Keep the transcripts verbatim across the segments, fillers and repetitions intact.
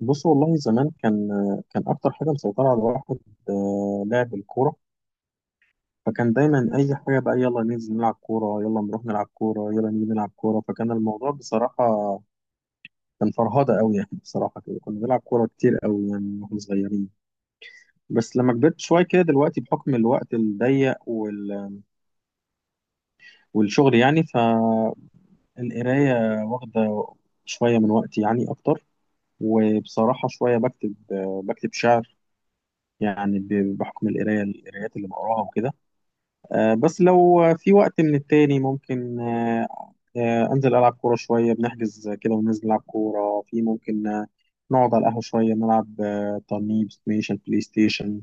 بص، والله زمان كان كان اكتر حاجه مسيطره على الواحد آه، لعب الكوره. فكان دايما اي حاجه بقى يلا ننزل نلعب كوره يلا نروح نلعب كوره يلا نيجي نلعب كوره، فكان الموضوع بصراحه كان فرهده قوي يعني. بصراحه كده كنا بنلعب كوره كتير قوي يعني واحنا صغيرين. بس لما كبرت شويه كده دلوقتي بحكم الوقت الضيق وال... والشغل يعني، فالقرايه واخده شويه من وقتي يعني اكتر، وبصراحه شويه بكتب آه، بكتب شعر يعني ب- بحكم القراية القرايات اللي بقراها وكده. آه، بس لو في وقت من التاني ممكن آه، آه، أنزل ألعب كورة شوية، بنحجز كده وننزل نلعب كورة في ممكن آه، نقعد على القهوة شوية نلعب آه، ترنيب ستيشن بلاي ستيشن.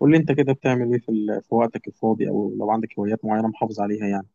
قول لي أنت كده بتعمل إيه في ال- في وقتك الفاضي، أو لو عندك هوايات معينة محافظ عليها يعني.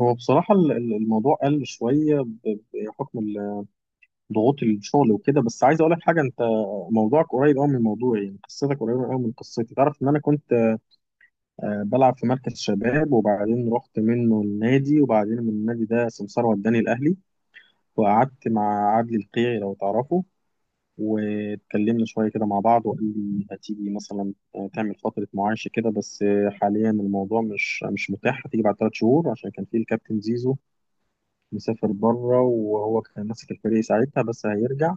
هو بصراحة ال- ال- الموضوع قل شوية ب- بحكم ال- ضغوط الشغل وكده، بس عايز أقول لك حاجة. أنت موضوعك قريب أوي من موضوعي، يعني قصتك قريبة أوي من قصتي. تعرف إن أنا كنت آه، بلعب في مركز شباب، وبعدين رحت منه النادي، وبعدين من النادي ده سمسار وداني الأهلي، وقعدت مع عادل القيعي لو تعرفه. واتكلمنا شوية كده مع بعض وقال لي هتيجي مثلا آه، تعمل فترة معايشة كده، بس آه، حاليا الموضوع مش مش متاح، هتيجي بعد ثلاث شهور عشان كان في الكابتن زيزو مسافر بره وهو كان ماسك الفريق ساعتها بس هيرجع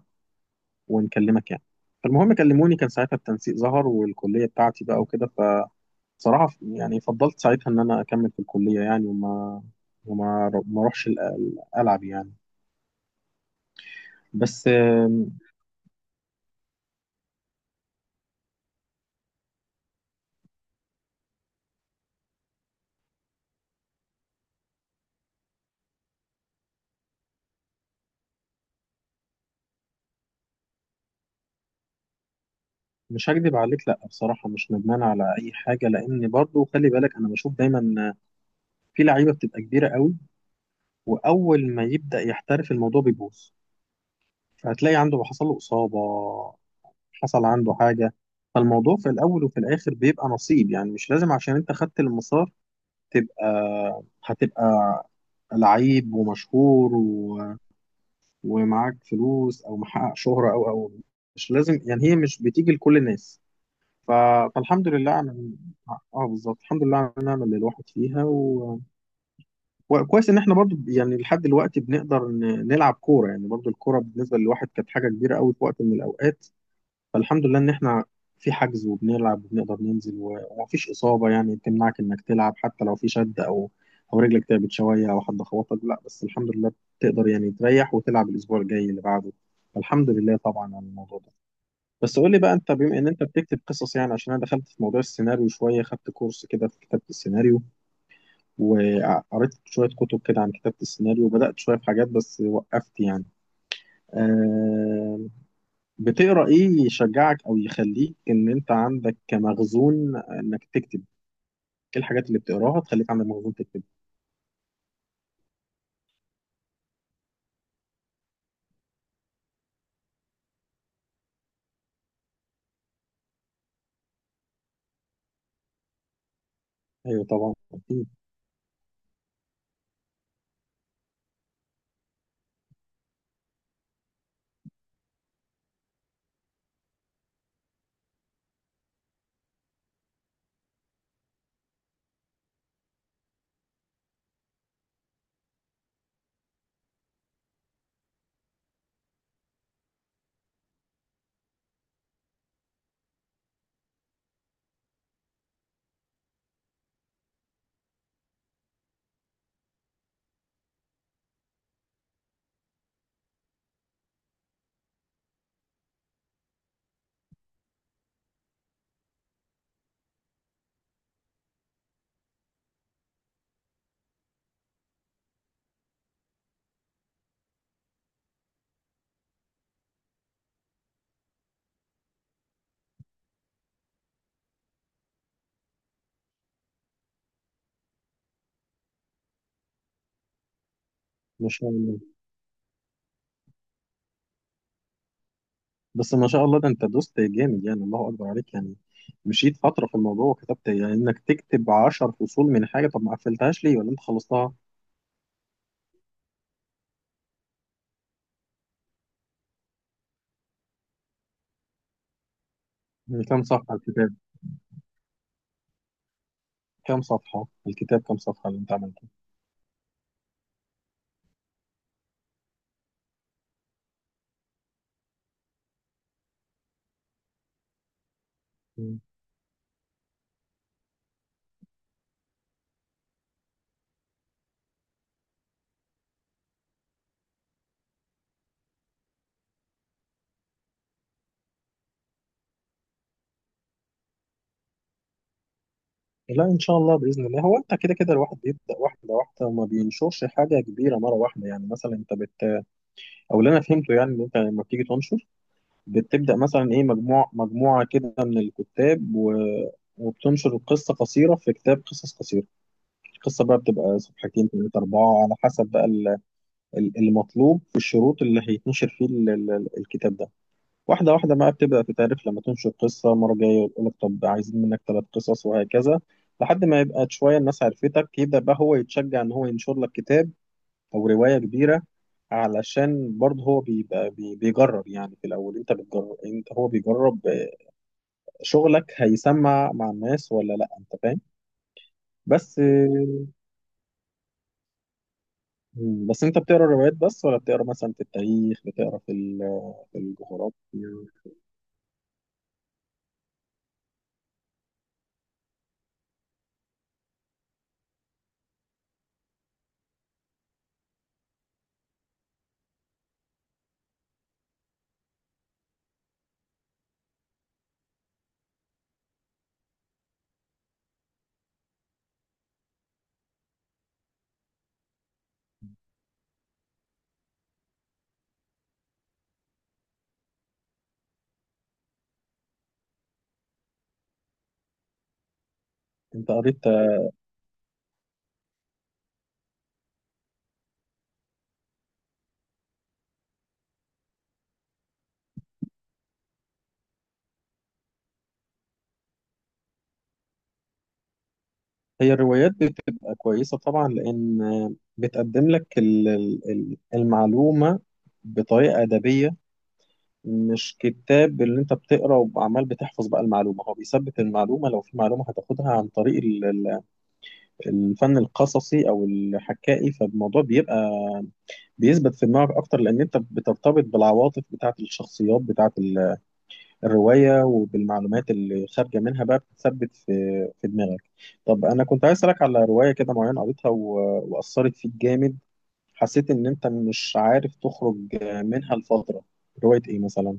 ونكلمك يعني. فالمهم كلموني كان ساعتها التنسيق ظهر والكلية بتاعتي بقى وكده، صراحة ف- يعني فضلت ساعتها إن أنا أكمل في الكلية يعني، وما وما ر- ما أروحش ال- ال- ألعب يعني. بس آم، مش هكدب عليك، لا بصراحة مش ندمان على أي حاجة، لأن برضو خلي بالك أنا بشوف دايما في لعيبة بتبقى كبيرة قوي وأول ما يبدأ يحترف الموضوع بيبوظ، فهتلاقي عنده حصل له إصابة، حصل عنده حاجة. فالموضوع في الأول وفي الآخر بيبقى نصيب يعني، مش لازم عشان أنت خدت المسار تبقى هتبقى لعيب ومشهور ومعاك فلوس او محقق شهرة او او، مش لازم، يعني هي مش بتيجي لكل الناس. ف- فالحمد لله على، اه بالظبط، الحمد لله على النعمة اللي الواحد فيها و... وكويس ان احنا برضو يعني لحد دلوقتي بنقدر ن- نلعب كورة، يعني برضو الكورة بالنسبة للواحد كانت حاجة كبيرة قوي في وقت من الاوقات. فالحمد لله ان احنا في حجز وبنلعب وبنقدر ننزل و- ومفيش اصابه يعني تمنعك انك تلعب، حتى لو في شد او او رجلك تعبت شويه او حد خبطك، لا بس الحمد لله بتقدر يعني تريح وتلعب الاسبوع الجاي اللي بعده. الحمد لله طبعا على الموضوع ده. بس قول لي بقى انت، بما ان انت بتكتب قصص، يعني عشان انا دخلت في موضوع السيناريو شويه، خدت كورس كده في كتابه السيناريو، وقريت شويه كتب كده عن كتابه السيناريو، وبدات شويه في حاجات بس وقفت يعني. آه، بتقرا ايه يشجعك او يخليك ان انت عندك كمخزون انك تكتب؟ ايه الحاجات اللي بتقراها تخليك عندك مخزون تكتب؟ ايوه طبعا اكيد. ما شاء الله، بس ما شاء الله ده انت دوست جامد يعني، الله اكبر عليك يعني، مشيت فتره في الموضوع وكتبت إيه؟ يعني انك تكتب عشر فصول من حاجه، طب ما قفلتهاش ليه ولا انت خلصتها؟ من كام صفحه الكتاب كام صفحه الكتاب كام صفحه اللي انت عملته؟ مم. لا ان شاء الله باذن الله، هو انت كده كده الواحد بيبدا واحده واحده وما بينشرش حاجه كبيره مره واحده، يعني مثلا انت بت او اللي انا فهمته يعني ان انت لما بتيجي تنشر بتبدا مثلا ايه، مجموعه مجموعه كده من الكتاب و... وبتنشر قصه قصيره في كتاب قصص قصيره، القصه بقى بتبقى صفحتين ثلاثه اربعه على حسب بقى ال- ال- المطلوب والشروط اللي هيتنشر فيه ال- ال- الكتاب ده. واحده واحده بقى بتبدا تتعرف، لما تنشر قصه مره جايه يقول لك طب عايزين منك ثلاث قصص، وهكذا، لحد ما يبقى شويه الناس عرفتك يبدا بقى هو يتشجع ان هو ينشر لك كتاب او روايه كبيره، علشان برضه هو بيبقى بي- بيجرب يعني في الاول، انت بتجرب، انت هو بيجرب آه، شغلك هيسمع مع الناس ولا لا، انت فاهم. بس آه، بس انت بتقرا روايات بس ولا بتقرا مثلا في التاريخ، بتقرا في ال- في الجغرافيا؟ انت قريت، هي الروايات بتبقى كويسه طبعا لان آه، بتقدم لك ال- ال- المعلومه بطريقه ادبيه، مش كتاب اللي انت بتقرا وعمال بتحفظ بقى المعلومه، هو بيثبت المعلومه لو في معلومه هتاخدها عن طريق ال- ال- الفن القصصي او الحكائي، فالموضوع بيبقى بيثبت في دماغك اكتر، لان انت بترتبط بالعواطف بتاعه الشخصيات بتاعه ال- الروايه، وبالمعلومات اللي خارجه منها بقى بتثبت في في دماغك. طب انا كنت عايز اسالك على روايه كده معينه قريتها و- واثرت فيك جامد، حسيت ان انت مش عارف تخرج منها لفتره، روايه ايه مثلا؟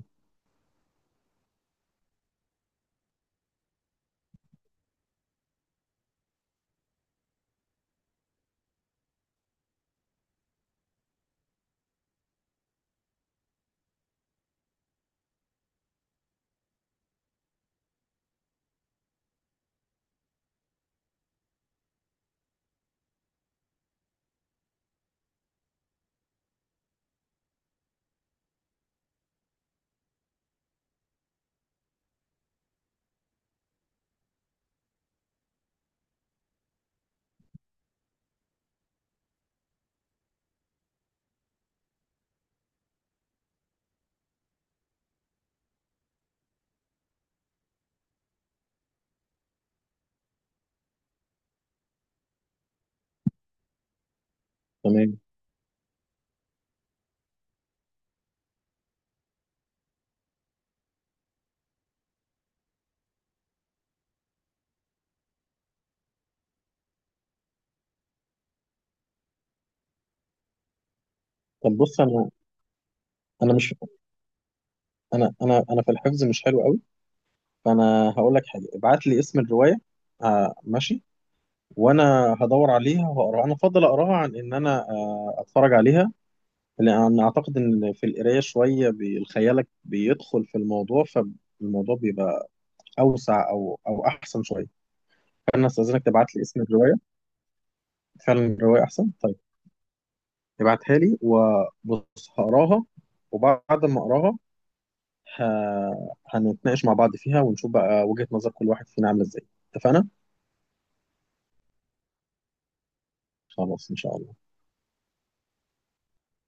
تمام، طب بص، انا انا مش انا انا انا في الحفظ مش حلو قوي، فانا هقول لك حاجه، ابعت لي اسم الروايه. آه ماشي، وانا هدور عليها وهقراها، انا افضل اقراها عن ان انا آه اتفرج عليها، لان اعتقد ان في القرايه شويه بي- خيالك بيدخل في الموضوع فالموضوع بيبقى اوسع او او احسن شويه. فانا استاذنك تبعت لي اسم الروايه، فعلا الروايه احسن، طيب ابعتها لي وبص هقراها، وبعد ما اقراها ه- هنتناقش مع بعض فيها ونشوف بقى وجهة نظر كل واحد فينا عاملة ازاي. اتفقنا؟ خلاص إن شاء الله.